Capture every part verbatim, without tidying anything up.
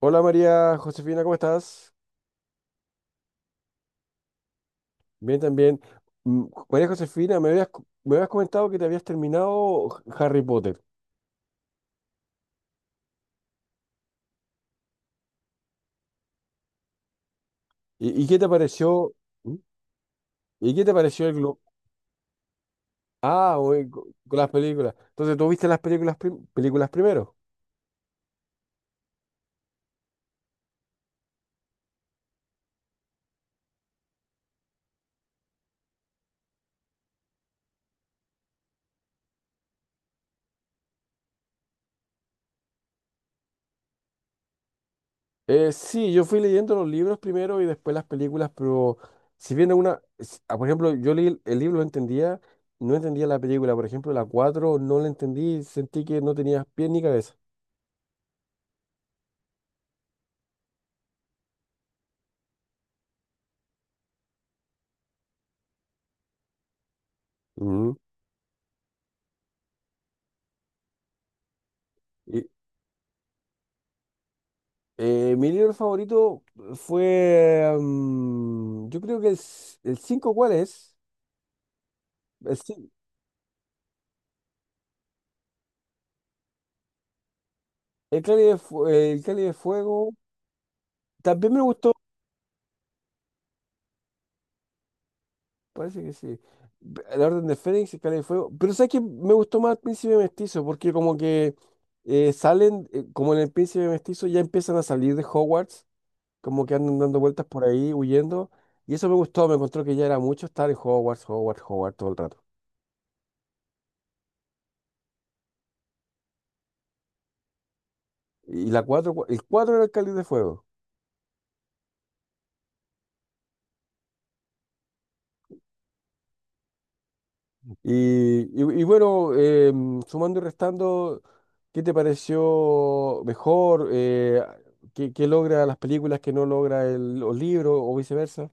Hola María Josefina, ¿cómo estás? Bien también. Mm, María Josefina, me habías, co- me habías comentado que te habías terminado Harry Potter. ¿Y, y qué te pareció? ¿Mm? ¿Y qué te pareció el globo? Ah, oye, co- con las películas. Entonces, ¿tú viste las películas, prim- películas primero? Eh, sí, yo fui leyendo los libros primero y después las películas, pero si bien una, s- ah, por ejemplo, yo leí el, el libro, lo entendía, no entendía la película. Por ejemplo, la cuatro no la entendí, sentí que no tenía pies ni cabeza. Mm. Eh, mi libro favorito fue, mm, yo creo que el, c- el cinco, ¿cuál es? El, cin- el Cáliz de, Fu- el Cáliz de Fuego. También me gustó, parece que sí. La Orden de Fénix, el Cáliz de Fuego. Pero sabes que me gustó más el Príncipe Mestizo, porque como que eh, salen, eh, como en el Príncipe Mestizo ya empiezan a salir de Hogwarts, como que andan dando vueltas por ahí, huyendo. Y eso me gustó, me encontró que ya era mucho estar en Hogwarts, Hogwarts, Hogwarts todo el rato. Y la cuatro el cuatro era el Cáliz de Fuego. Y, y- y bueno, eh, sumando y restando, ¿qué te pareció mejor? Eh, ¿qué, qué logra las películas que no logra el, los libros o viceversa?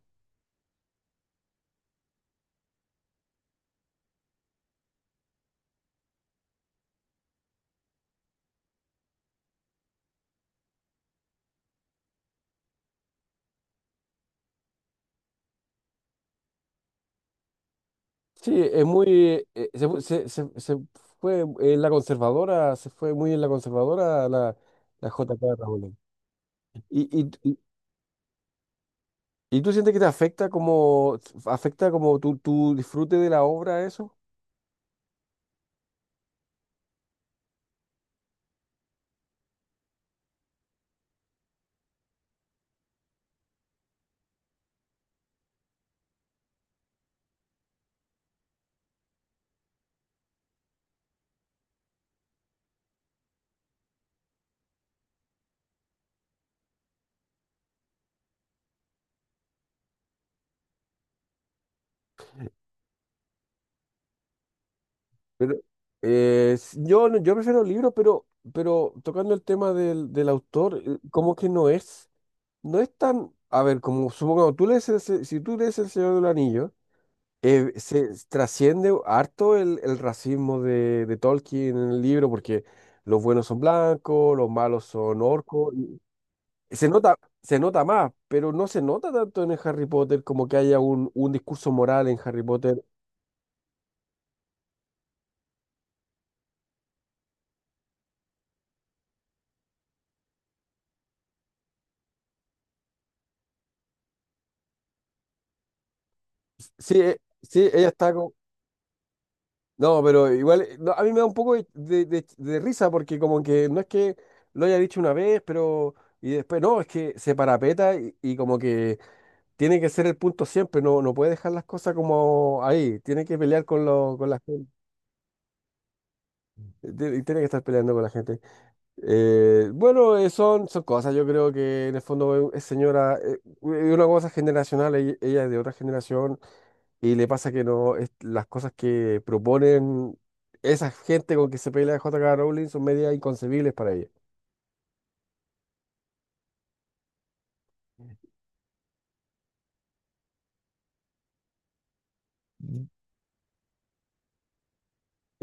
Sí, es muy, eh, se, fu- se- se- se fue en la conservadora, se fue muy en la conservadora la, la J K Rowling. ¿Y, y, y, y tú sientes que te afecta como, afecta como tu, tu disfrute de la obra eso? Pero, eh, s- yo, no- yo prefiero libros, pero, pero tocando el tema del, del autor, eh, como que no es, no es tan, a ver, como supongamos, tú lees el se- si tú lees El Señor del Anillo, eh, se trasciende harto el, el racismo de, de Tolkien en el libro, porque los buenos son blancos, los malos son orcos, y se nota, se nota más, pero no se nota tanto en el Harry Potter como que haya un, un discurso moral en Harry Potter. Sí, eh, sí, ella está, co- No, pero igual, eh, no, a mí me da un poco de, de- de- de risa porque como que no es que lo haya dicho una vez, pero... Y después, no, es que se parapeta y, y como que tiene que ser el punto siempre, no, no puede dejar las cosas como ahí, tiene que pelear con, lo, con la gente, eh, tiene tiene que estar peleando con la gente. Eh, bueno, eh, son, son cosas, yo creo que en el fondo es es señora, eh, es una cosa generacional, ella, ella es de otra generación, y le pasa que no, es- las cosas que proponen esa gente con que se pelea J K Rowling son medias inconcebibles para ella.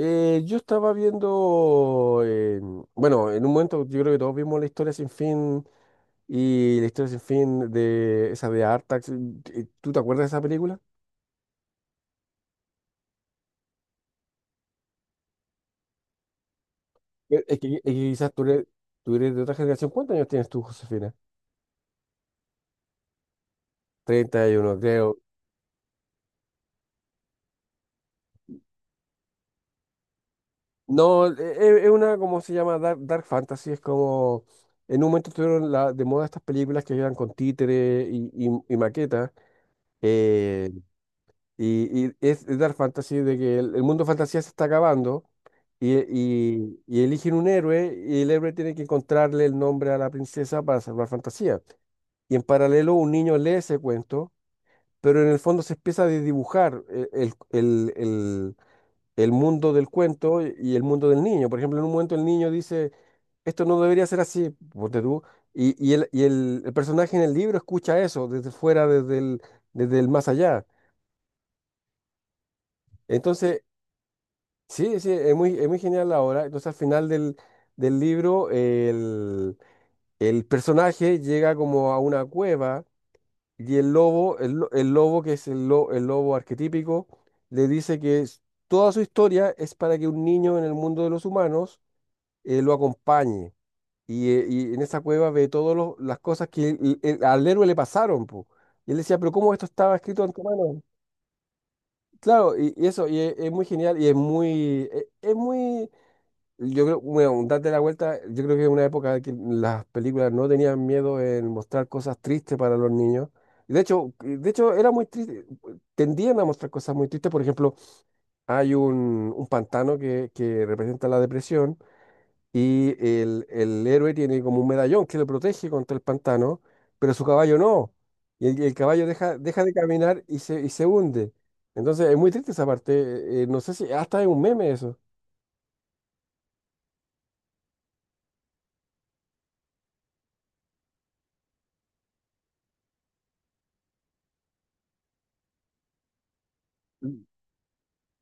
Eh, yo estaba viendo, eh, bueno, en un momento yo creo que todos vimos la historia sin fin y la historia sin fin de esa de Artax. Eh, ¿Tú te acuerdas de esa película? Eh, Es que, es que quizás tú eres, tú eres de otra generación. ¿Cuántos años tienes tú, Josefina? Treinta y uno creo. No, e- e- es una, ¿cómo se llama? Dark, Dark Fantasy. Es como, en un momento estuvieron la, de moda estas películas que eran con títeres y, y, y maquetas. eh, y, y es, es Dark Fantasy de que el, el mundo de fantasía se está acabando y, y, y eligen un héroe y el héroe tiene que encontrarle el nombre a la princesa para salvar fantasía. Y en paralelo un niño lee ese cuento, pero en el fondo se empieza a dibujar el, el, el- el- el mundo del cuento y el mundo del niño. Por ejemplo, en un momento el niño dice, esto no debería ser así, ponte tú, y, y el, y el- el personaje en el libro escucha eso desde fuera, desde el, desde el más allá. Entonces, sí, sí, es muy, es muy genial la obra. Entonces, al final del, del libro, el, el personaje llega como a una cueva y el lobo, el, lo- el lobo que es el, lo- el lobo arquetípico, le dice que... es- Toda su historia es para que un niño en el mundo de los humanos eh, lo acompañe. Y, eh, y en esa cueva ve todas las cosas que el- el- al héroe le pasaron, po. Y él decía, pero ¿cómo esto estaba escrito en tu mano? Claro, y, y eso, y es, es muy genial, y es muy, e- es, muy, yo creo, bueno, date la vuelta, yo creo que es una época que las películas no tenían miedo en mostrar cosas tristes para los niños. Y de hecho, de hecho, era muy triste, tendían a mostrar cosas muy tristes, por ejemplo, hay un, un pantano que, que representa la depresión y el, el héroe tiene como un medallón que lo protege contra el pantano, pero su caballo no. Y el, el caballo deja, deja de caminar y se, y se hunde. Entonces es muy triste esa parte. eh, no sé si hasta es un meme eso.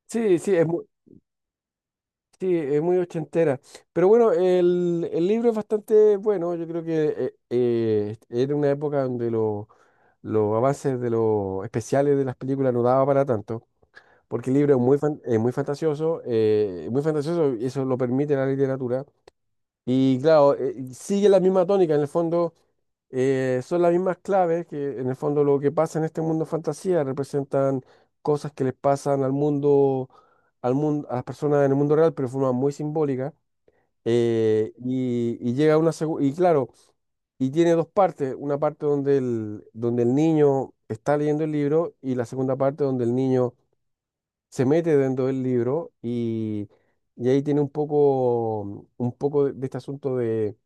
Sí, sí, es muy, sí, es muy ochentera. Pero bueno, el, el libro es bastante bueno. Yo creo que eh, eh, era una época donde lo- los avances de los especiales de las películas no daba para tanto. Porque el libro es muy, fan- es muy fantasioso, eh, muy fantasioso, y eso lo permite la literatura. Y claro, eh, sigue la misma tónica, en el fondo eh, son las mismas claves que en el fondo lo que pasa en este mundo de fantasía representan cosas que les pasan al mundo, al mundo, a las personas en el mundo real, pero de forma muy simbólica. eh, y, y llega una segunda, y claro, y tiene dos partes, una parte donde el, donde el niño está leyendo el libro y la segunda parte donde el niño se mete dentro del libro y, y ahí tiene un poco, un poco de de este asunto de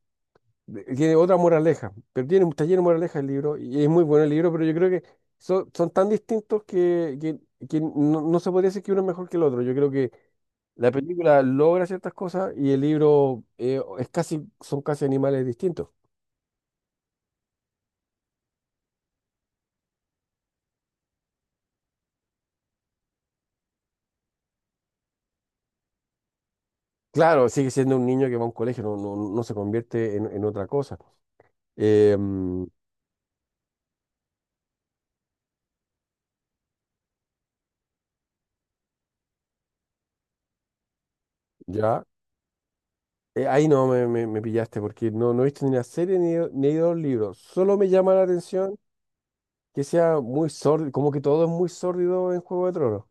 de- tiene otra moraleja, pero tiene, está lleno de moraleja el libro y es muy bueno el libro, pero yo creo que son, son tan distintos que, que- que no, no se podría decir que uno es mejor que el otro. Yo creo que la película logra ciertas cosas y el libro eh, es casi, son casi animales distintos. Claro, sigue siendo un niño que va a un colegio, no, no, no se convierte en, en otra cosa. Eh, mm, ya. Eh, ahí no me, me- me pillaste porque no, no he visto ni la serie ni, he ni he leído los libros. Solo me llama la atención que sea muy sórdido, como que todo es muy sórdido en Juego de Tronos.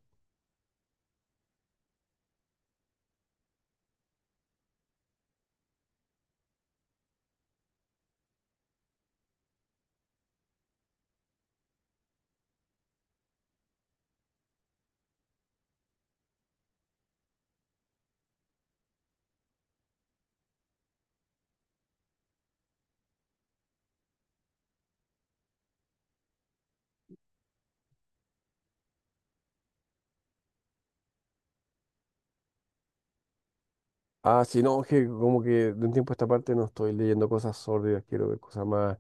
Ah, sí, no, que como que de un tiempo a esta parte no estoy leyendo cosas sórdidas, quiero ver cosas más,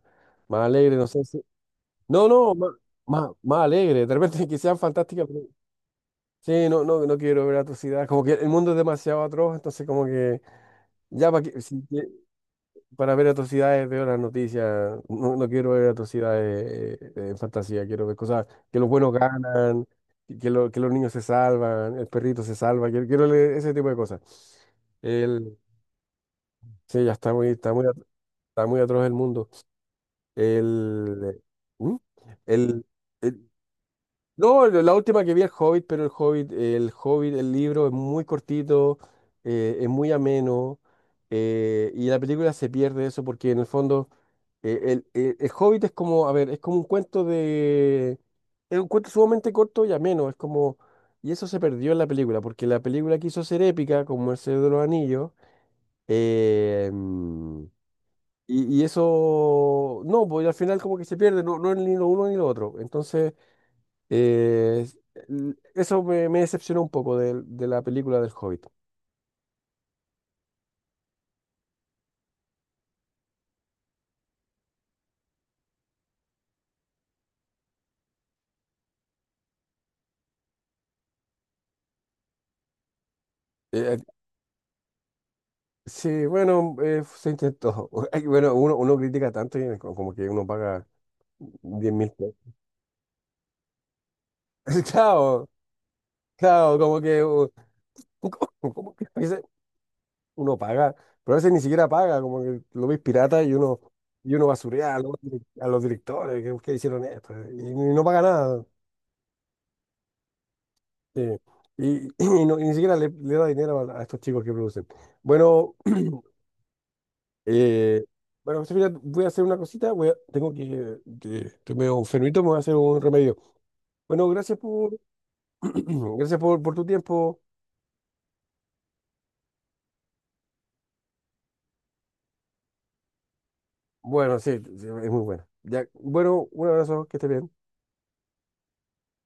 más alegres, no sé si... No, no, más, más, más alegres, de repente que sean fantásticas, pero... Sí, no, no, no quiero ver atrocidades, como que el mundo es demasiado atroz, entonces como que ya para que... si- Para ver atrocidades veo las noticias. No, no quiero ver atrocidades eh, en fantasía. Quiero ver cosas que los buenos ganan, que, que lo- que los niños se salvan, el perrito se salva. Quiero, quiero leer ese tipo de cosas. El, sí, ya está muy, está muy, at- está muy atroz el mundo. El, ¿Mm? El, el- no, la la última que vi el Hobbit, pero el Hobbit, el Hobbit, el libro es muy cortito, eh, es muy ameno, eh, y la película se pierde eso porque en el fondo eh, el, el- el Hobbit es como, a ver, es como un cuento de, es un cuento sumamente corto y ameno, es como, y eso se perdió en la película porque la película quiso ser épica como El Señor de los Anillos, eh, mm, y, y eso, no, pues al final como que se pierde, no, no es ni lo uno ni lo otro, entonces... Eh, eso me, me decepcionó un poco de, de la película del Hobbit. Eh, sí, bueno, eh, se intentó. Ay, bueno, uno, uno critica tanto y co- como que uno paga diez mil pesos. Claro, claro, como que, uh, como que a veces uno paga, pero a veces ni siquiera paga, como que lo ves pirata y uno, y uno basurea a los, direc- a los directores que, que hicieron esto eh, y, y no paga nada. Sí. Y, y no- y ni siquiera le, le da dinero a a estos chicos que producen. Bueno. Eh, bueno, Josefina, voy a hacer una cosita, voy a- tengo que, que estoy medio enfermito, me voy a hacer un remedio. Bueno, gracias por, gracias por, por tu tiempo. Bueno, sí, sí, es muy bueno. Ya, bueno, un abrazo, que estés bien.